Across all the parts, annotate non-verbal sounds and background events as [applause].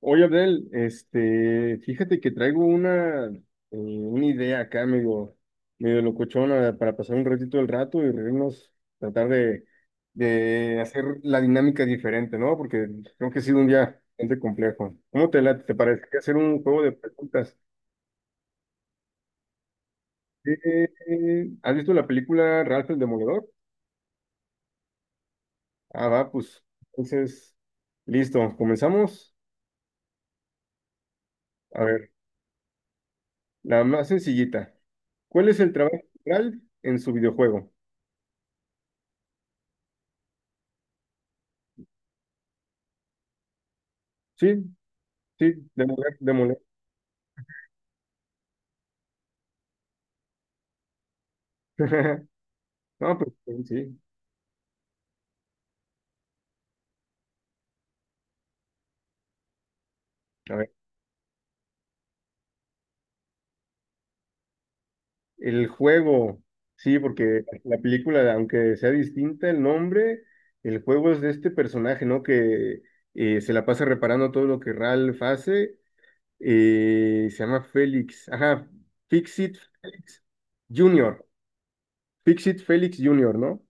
Oye, Abdel, este, fíjate que traigo una idea acá, medio locochona, para pasar un ratito el rato y reírnos, tratar de hacer la dinámica diferente, ¿no? Porque creo que ha sido un día bastante complejo. ¿Cómo te late? ¿Te parece que hacer un juego de preguntas? ¿Has visto la película Ralph el Demoledor? Ah, va, pues, entonces, listo, comenzamos. A ver, la más sencillita. ¿Cuál es el trabajo central en su videojuego? Sí, sí, demoler, demoler. [laughs] No, pues sí, sí. A ver, el juego, sí, porque la película, aunque sea distinta el nombre, el juego es de este personaje, ¿no? Que se la pasa reparando todo lo que Ralph hace. Se llama Félix, ajá, Fixit Félix Jr., Fixit Félix Junior, ¿no?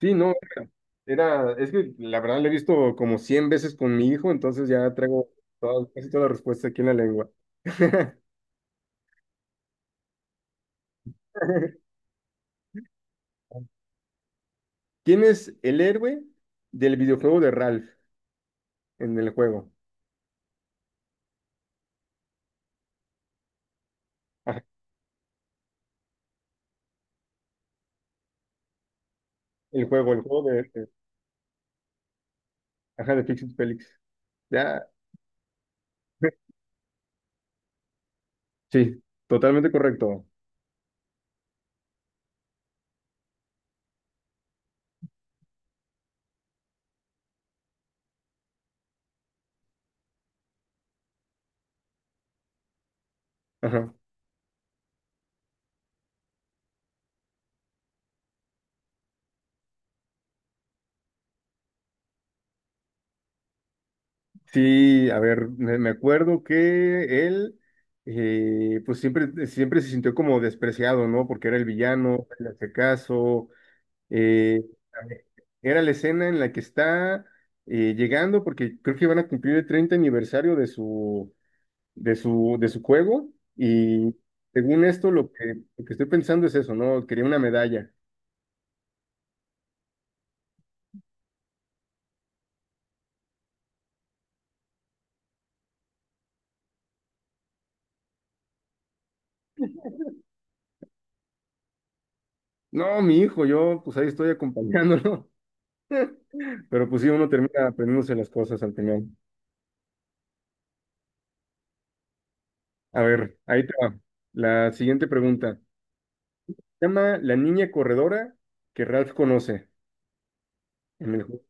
Sí, no, es que la verdad lo he visto como 100 veces con mi hijo, entonces ya traigo casi toda la respuesta aquí en la lengua. [laughs] ¿Quién es el héroe del videojuego de Ralph en el juego? Ajá, el juego ajá, de Fix It Felix. Ya, [laughs] sí, totalmente correcto. Ajá. Sí, a ver, me acuerdo que él, pues siempre, siempre se sintió como despreciado, ¿no? Porque era el villano, le hace caso. Eh, Era la escena en la que está llegando, porque creo que van a cumplir el 30 aniversario de su juego, y según esto, lo que estoy pensando es eso, ¿no? Quería una medalla. No, mi hijo, yo pues ahí estoy acompañándolo, [laughs] pero pues sí, uno termina aprendiéndose las cosas al final. A ver, ahí te va. La siguiente pregunta. Se llama la niña corredora que Ralph conoce en el juego.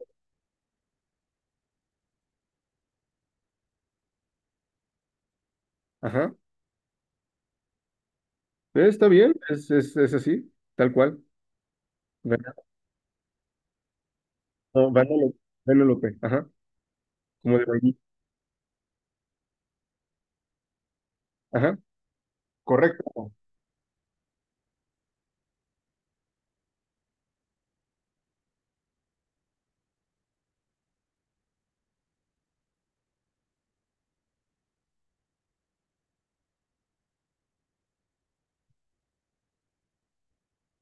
Ajá. Está bien, es así, tal cual. No, Vanellope, Vanellope, ajá, como de vainilla. Ajá, correcto.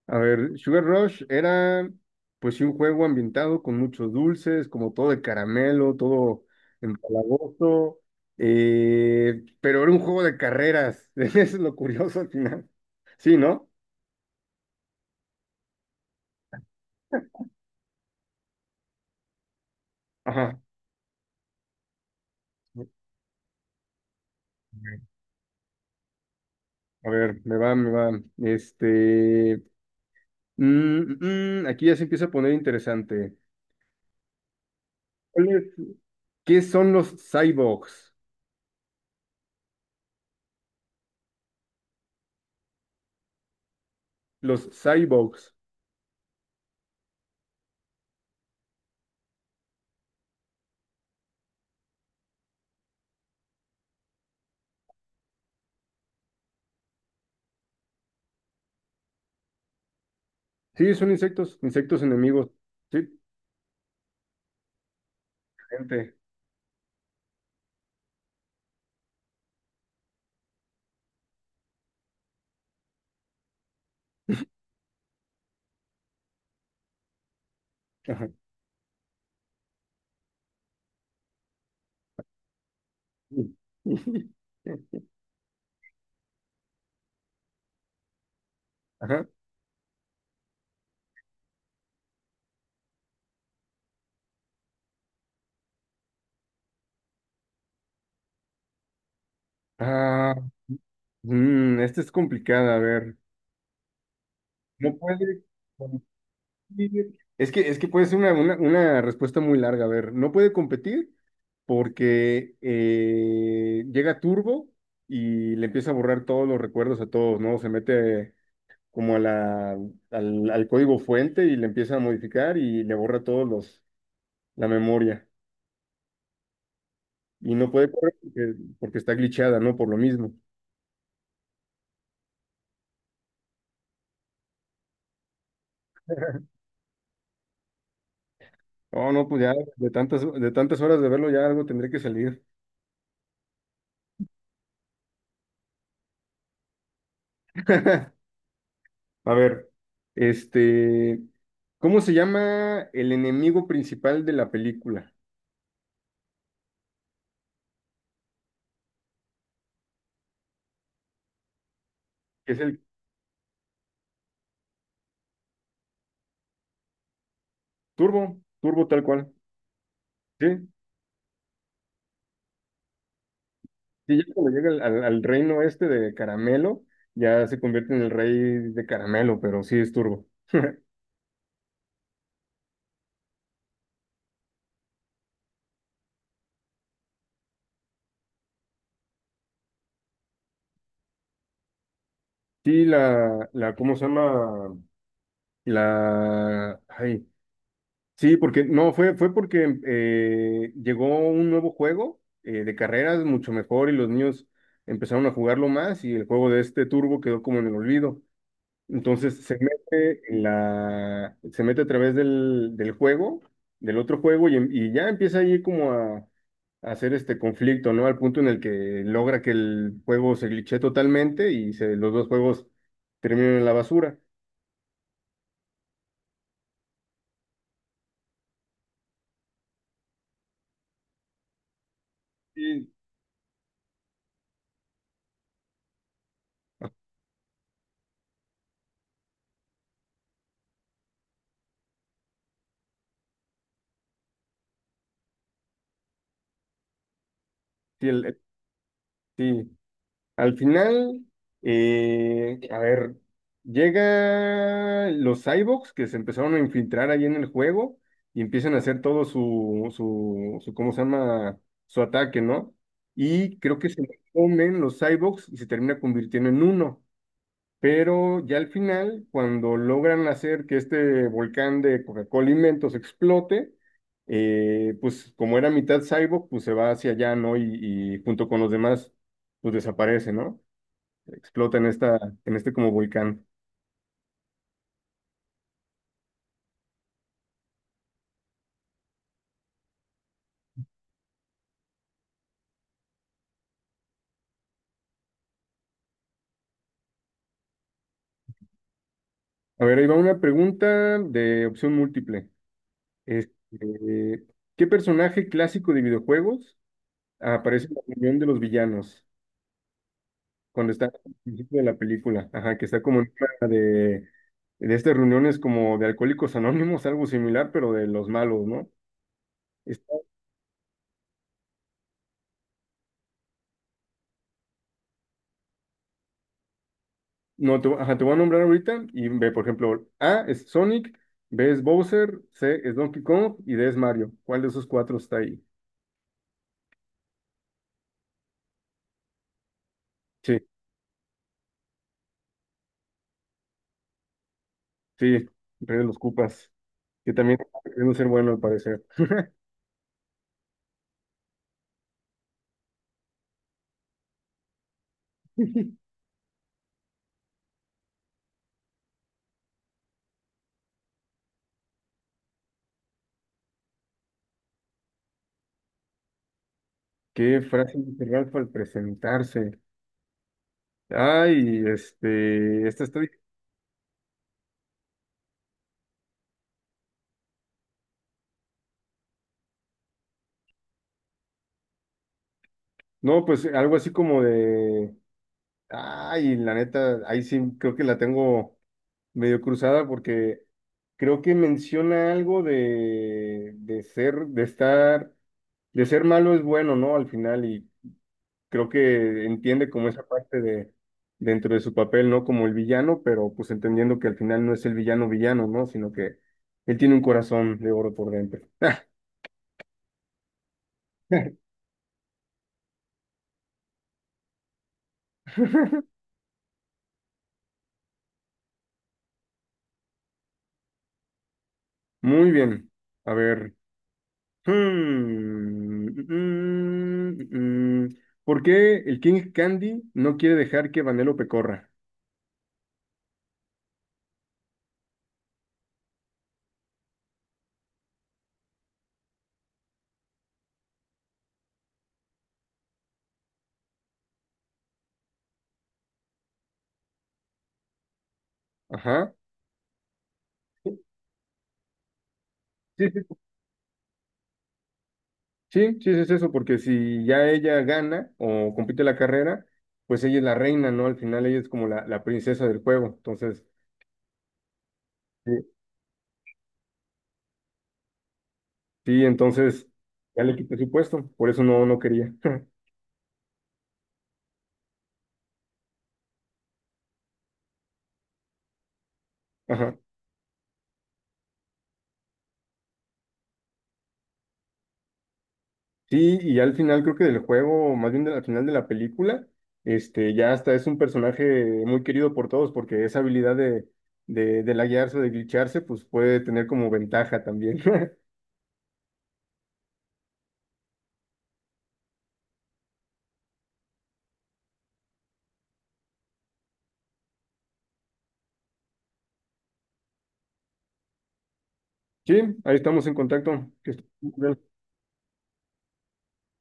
A ver, Sugar Rush era pues sí un juego ambientado con muchos dulces, como todo de caramelo, todo empalagoso, pero era un juego de carreras, [laughs] eso es lo curioso al final. Sí, ¿no? Ajá. A ver, me va, me va. Este, aquí ya se empieza a poner interesante. ¿Cuál es- ¿Qué son los cyborgs? Los cyborgs. Sí, son insectos, insectos enemigos. Sí, gente. [laughs] Ajá. Ajá. Ah, esta es complicada, a ver. No puede competir. Es que puede ser una respuesta muy larga, a ver. No puede competir porque llega Turbo y le empieza a borrar todos los recuerdos a todos, ¿no? Se mete como al código fuente y le empieza a modificar y le borra todos la memoria, y no puede correr porque está glitchada, ¿no? Por lo mismo. Oh, no, pues ya de tantas, horas de verlo ya algo tendré que salir. [laughs] A ver, este, ¿cómo se llama el enemigo principal de la película? Es el Turbo, Turbo tal cual. Sí, sí, ya cuando llega al reino este de Caramelo, ya se convierte en el rey de Caramelo, pero sí es Turbo. Sí, ¿cómo se llama? La, ay, Sí, porque no, fue porque llegó un nuevo juego de carreras mucho mejor y los niños empezaron a jugarlo más y el juego de este Turbo quedó como en el olvido. Entonces se mete se mete a través del juego, del otro juego y ya empieza ahí como a hacer este conflicto, ¿no? Al punto en el que logra que el juego se glitche totalmente y los dos juegos terminan en la basura. Sí, sí, sí, al final, a ver, llega los cyborgs que se empezaron a infiltrar ahí en el juego y empiezan a hacer todo su ¿cómo se llama? Su ataque, ¿no? Y creo que se lo comen los cyborgs y se termina convirtiendo en uno. Pero ya al final, cuando logran hacer que este volcán de Coca-Cola Inventos explote, pues como era mitad cyborg, pues se va hacia allá, ¿no? Y junto con los demás, pues desaparece, ¿no? Explota en este como volcán. A ver, ahí va una pregunta de opción múltiple. Este, ¿qué personaje clásico de videojuegos aparece en la reunión de los villanos cuando está al principio de la película? Ajá, que está como en una de estas reuniones como de Alcohólicos Anónimos, algo similar, pero de los malos, ¿no? Está- no, ajá, te voy a nombrar ahorita y ve, por ejemplo, A es Sonic, B es Bowser, C es Donkey Kong y D es Mario. ¿Cuál de esos cuatro está ahí? Sí. Sí, Rey de los Cupas, que también [laughs] está queriendo ser bueno al parecer. ¿Qué frase dice Ralph al presentarse? Ay, este, esta está. No, pues algo así como de. Ay, la neta, ahí sí creo que la tengo medio cruzada porque creo que menciona algo de ser, de estar, de ser malo es bueno, ¿no? Al final, y creo que entiende como esa parte de dentro de su papel, ¿no? Como el villano, pero pues entendiendo que al final no es el villano villano, ¿no? Sino que él tiene un corazón de oro por dentro. [laughs] Muy bien. A ver. Hmm, mm, mm. Mm. ¿Por qué el King Candy no quiere dejar que Vanellope corra? Ajá. Sí, sí, sí, sí, sí, es eso, porque si ya ella gana o compite la carrera, pues ella es la reina, ¿no? Al final ella es como la princesa del juego. Entonces, sí, sí, ya le quité su puesto, por eso no, no quería. [laughs] Ajá. Sí, y al final creo que del juego, o más bien al final de la película, este, ya hasta es un personaje muy querido por todos, porque esa habilidad de laguearse, de glitcharse, pues puede tener como ventaja también. [laughs] Sí, ahí estamos en contacto. Que estés muy bien.